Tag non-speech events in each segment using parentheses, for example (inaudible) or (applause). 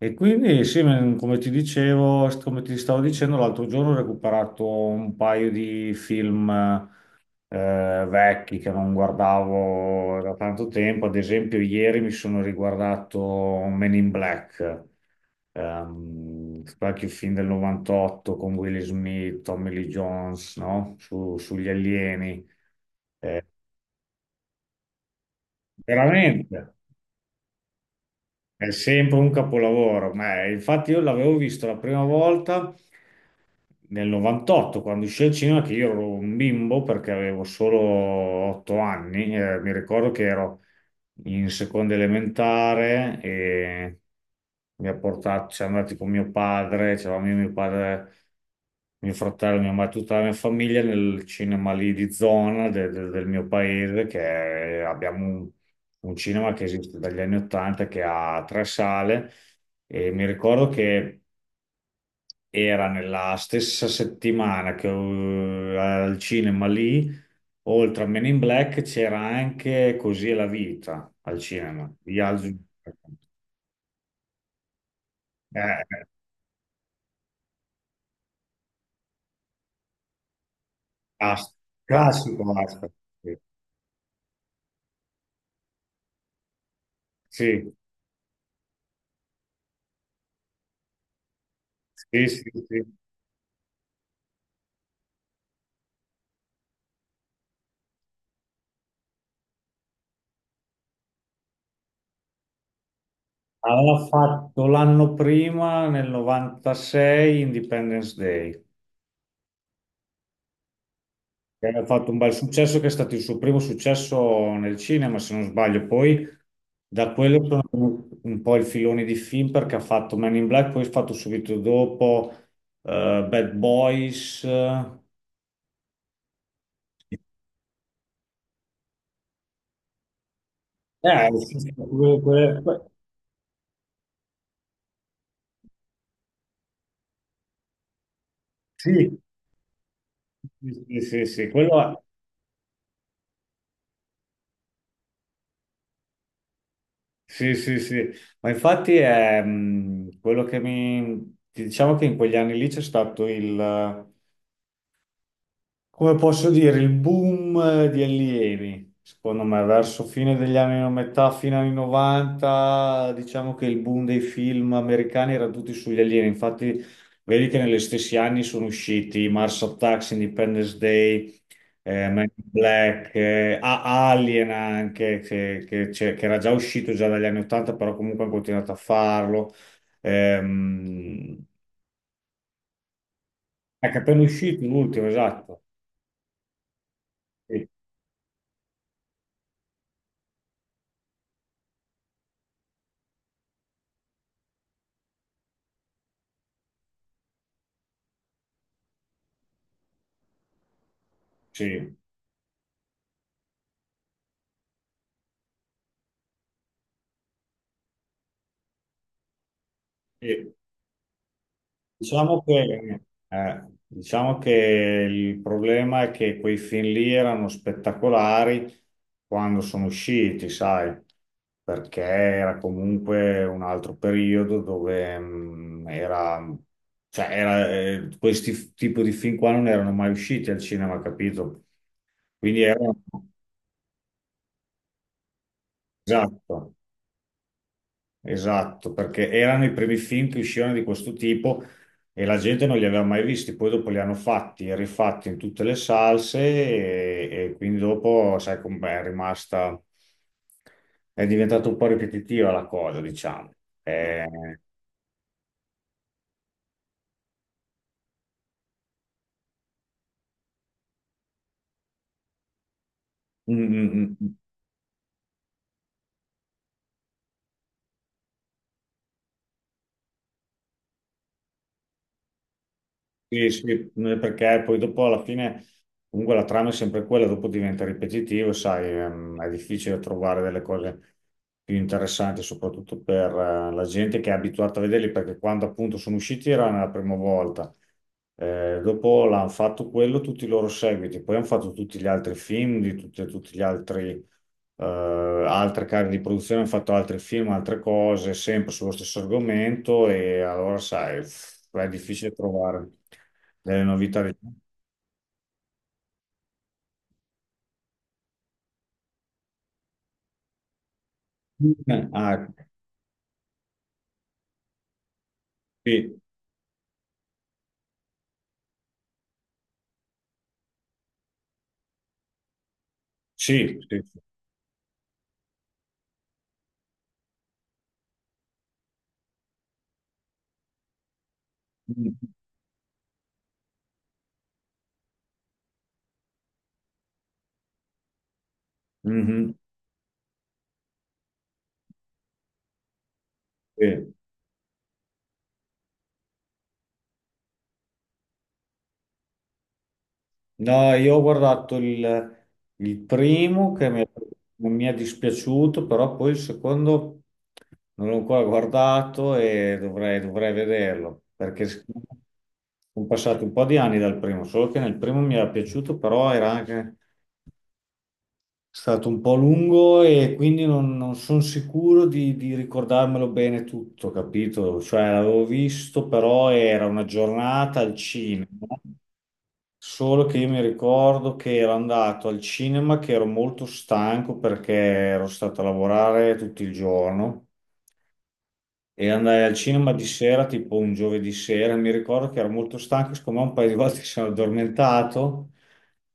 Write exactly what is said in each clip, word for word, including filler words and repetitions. E quindi sì, me- come ti dicevo, come ti stavo dicendo, l'altro giorno ho recuperato un paio di film eh, vecchi che non guardavo da tanto tempo. Ad esempio, ieri mi sono riguardato Men in Black, ehm, qualche film del novantotto con Will Smith, Tommy Lee Jones, no? Su- sugli alieni. Eh, veramente, è sempre un capolavoro. Ma, eh, infatti io l'avevo visto la prima volta, nel novantotto, quando uscì al cinema, che io ero un bimbo perché avevo solo otto anni, eh, mi ricordo che ero in seconda elementare e mi ha portato, siamo andati con mio padre, c'eravamo io, mio padre, mio fratello, mia madre, tutta la mia famiglia nel cinema lì di zona de- de- del mio paese, che è- abbiamo un, un cinema che esiste dagli anni ottanta, che ha tre sale. E mi ricordo che era nella stessa settimana che eh, al cinema lì, oltre a Men in Black, c'era anche Così è la vita al cinema. Di Alzo- Eh, Ast- Classico Astor. Sì, sì, sì, sì, sì. Aveva fatto l'anno prima, nel novantasei, Independence Day, che ha fatto un bel successo, che è stato il suo primo successo nel cinema, se non sbaglio. Poi da quello sono venuti un po' il filone di film, perché ha fatto Man in Black, poi ha fatto subito dopo eh, Bad Boys. Eh. Eh, sì, sì, quello- quello- sì, sì, sì, sì, sì, quello è- sì, sì, sì. Ma infatti è mh, quello che mi... Diciamo che in quegli anni lì c'è stato il... Come posso dire, il boom eh, di allievi, secondo me, verso fine degli anni, no- metà, fine anni novanta, diciamo che il boom dei film americani era tutti sugli alieni. Infatti, vedi che negli stessi anni sono usciti Mars Attacks, Independence Day, eh, Men in Black, eh, A- Alien anche, che, che c'è- che era già uscito già dagli anni ottanta, però comunque hanno continuato a farlo. Ehm, ecco, appena uscito l'ultimo, esatto. Sì, sì. Sì. Diciamo che, eh, diciamo che il problema è che quei film lì erano spettacolari quando sono usciti, sai, perché era comunque un altro periodo dove mm, era, cioè, era, eh, questi f- tipo di film qua non erano mai usciti al cinema, capito? Quindi erano, esatto. Esatto, perché erano i primi film che uscivano di questo tipo e la gente non li aveva mai visti, poi dopo li hanno fatti e rifatti in tutte le salse e, e quindi dopo, sai com'è, è rimasta, è diventata un po' ripetitiva la cosa, diciamo. Eh, mm, mm, mm. Sì, sì, eh, perché poi dopo alla fine comunque la trama è sempre quella, dopo diventa ripetitivo, sai, ehm, è difficile trovare delle cose più interessanti, soprattutto per eh, la gente che è abituata a vederli, perché quando appunto sono usciti era la prima volta. Eh, dopo l'hanno fatto quello, tutti i loro seguiti, poi hanno fatto tutti gli altri film di tutti, tutti gli altri eh, altre case di produzione, hanno fatto altri film, altre cose, sempre sullo stesso argomento, e allora sai, pff, è difficile trovare delle novità. di- Ah, sì, sì, sì, sì. Mhm, sì. No, io ho guardato il, il primo che mi, mm, non mi è dispiaciuto, però poi il secondo non l'ho ancora guardato e dovrei, dovrei vederlo, perché sono passati un po' di anni dal primo, solo che nel primo mi era piaciuto, però era anche stato un po' lungo e quindi non, non sono sicuro di, di ricordarmelo bene tutto, capito? Cioè l'avevo visto, però era una giornata al cinema. Solo che io mi ricordo che ero andato al cinema, che ero molto stanco perché ero stato a lavorare tutto il giorno, e andai al cinema di sera, tipo un giovedì sera. Mi ricordo che ero molto stanco, siccome un paio di volte (laughs) sono addormentato,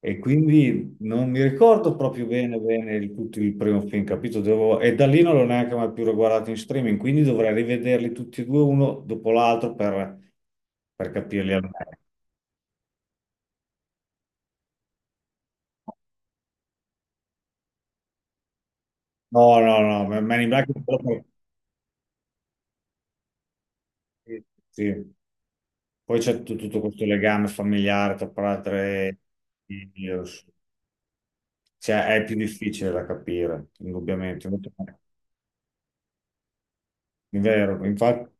e quindi non mi ricordo proprio bene, bene il, tutto il primo film, capito? Devo- e da lì non l'ho neanche mai più riguardato in streaming, quindi dovrei rivederli tutti e due uno dopo l'altro per, per capirli al meglio. No, no, no, Man in Black. Sì. Sì. Poi c'è tu- tutto questo legame familiare tra padre e figlio, cioè è più difficile da capire, indubbiamente. È vero, infatti,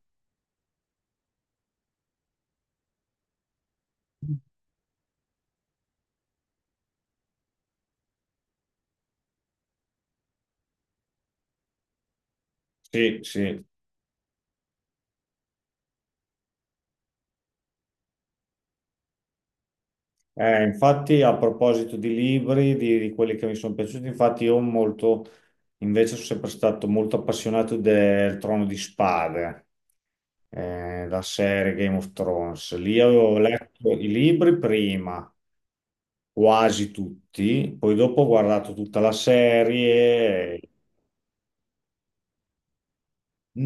sì, sì. Eh, infatti a proposito di libri, di, di quelli che mi sono piaciuti, infatti io molto, invece sono sempre stato molto appassionato del Trono di Spade, eh, la serie Game of Thrones. Lì avevo letto i libri prima, quasi tutti, poi dopo ho guardato tutta la serie.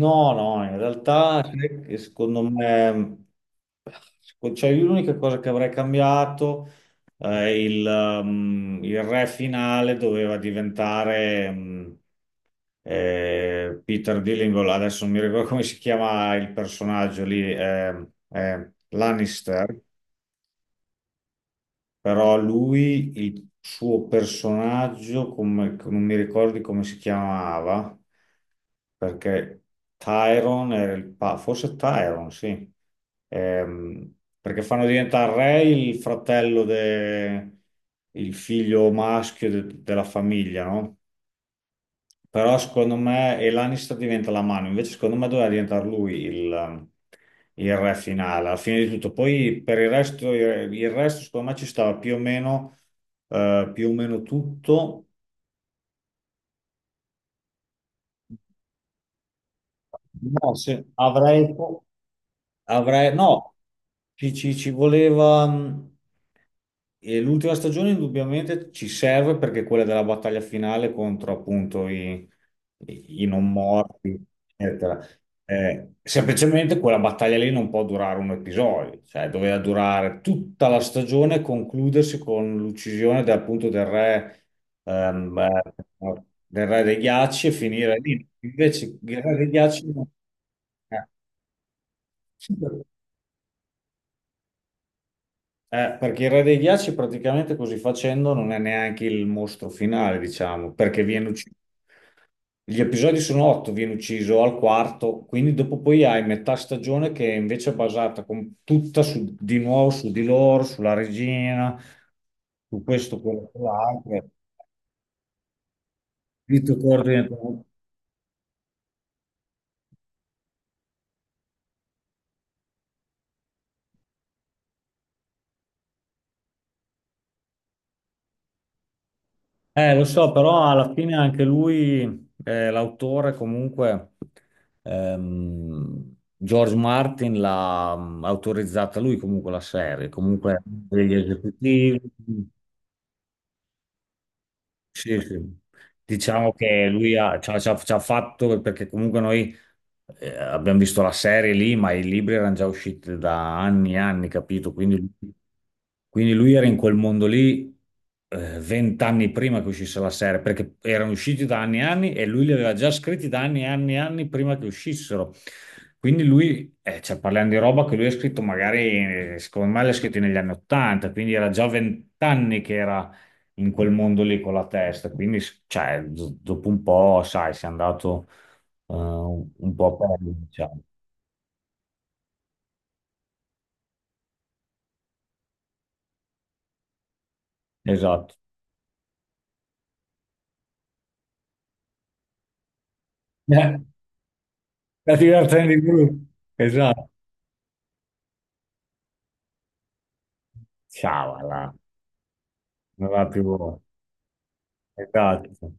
No, no, in realtà sai che secondo me, cioè, io l'unica cosa che avrei cambiato eh, il, um, il re finale doveva diventare um, eh, Peter Dillingham, adesso non mi ricordo come si chiama il personaggio lì, eh, eh, Lannister. Però lui, il suo personaggio, come, non mi ricordi come si chiamava, perché Tyron era il pa- forse Tyron, sì. Ehm, perché fanno diventare re il fratello, de- il figlio maschio de- della famiglia, no? Però secondo me e Lannister diventa la mano, invece secondo me doveva diventare lui il, il re finale, alla fine di tutto. Poi per il resto, il, il resto secondo me ci stava più o meno, eh, più o meno tutto. No, se avrei, Avrei, no, ci, ci- ci voleva. Mh, e l'ultima stagione indubbiamente ci serve, perché è quella della battaglia finale contro appunto i, i- i non morti, eccetera. Eh, semplicemente quella battaglia lì non può durare un episodio, cioè doveva durare tutta la stagione e concludersi con l'uccisione de- appunto del re, ehm, eh, del re dei ghiacci, e finire lì. Invece il re dei ghiacci non- eh. Eh, perché il re dei ghiacci praticamente così facendo non è neanche il mostro finale, diciamo, perché viene ucciso. Gli episodi sono otto, viene ucciso al quarto, quindi dopo poi hai metà stagione che è invece è basata con- tutta su- di nuovo su di loro, sulla regina, su questo, quello, quell'altro. Lì tu coordini. Eh, lo so, però alla fine anche lui, eh, l'autore comunque, ehm, George Martin l'ha mm, autorizzata lui, comunque la serie, comunque degli esecutivi. Sì, sì. Diciamo che lui ha- ci ha, ci ha- ci ha fatto, perché comunque noi eh, abbiamo visto la serie lì, ma i libri erano già usciti da anni e anni, capito? Quindi, quindi lui era in quel mondo lì eh, vent'anni prima che uscisse la serie, perché erano usciti da anni e anni e lui li aveva già scritti da anni e anni e anni prima che uscissero. Quindi lui, eh, cioè, parliamo di roba che lui ha scritto magari, eh, secondo me l'ha scritto negli anni Ottanta, quindi era già vent'anni che era in quel mondo lì con la testa. Quindi, s- cioè, d- dopo un po', sai, sei andato eh, un po' per, diciamo. Esatto. Eh, la divertente di gruppo. Esatto. Ciao, là. Non va più. Esatto.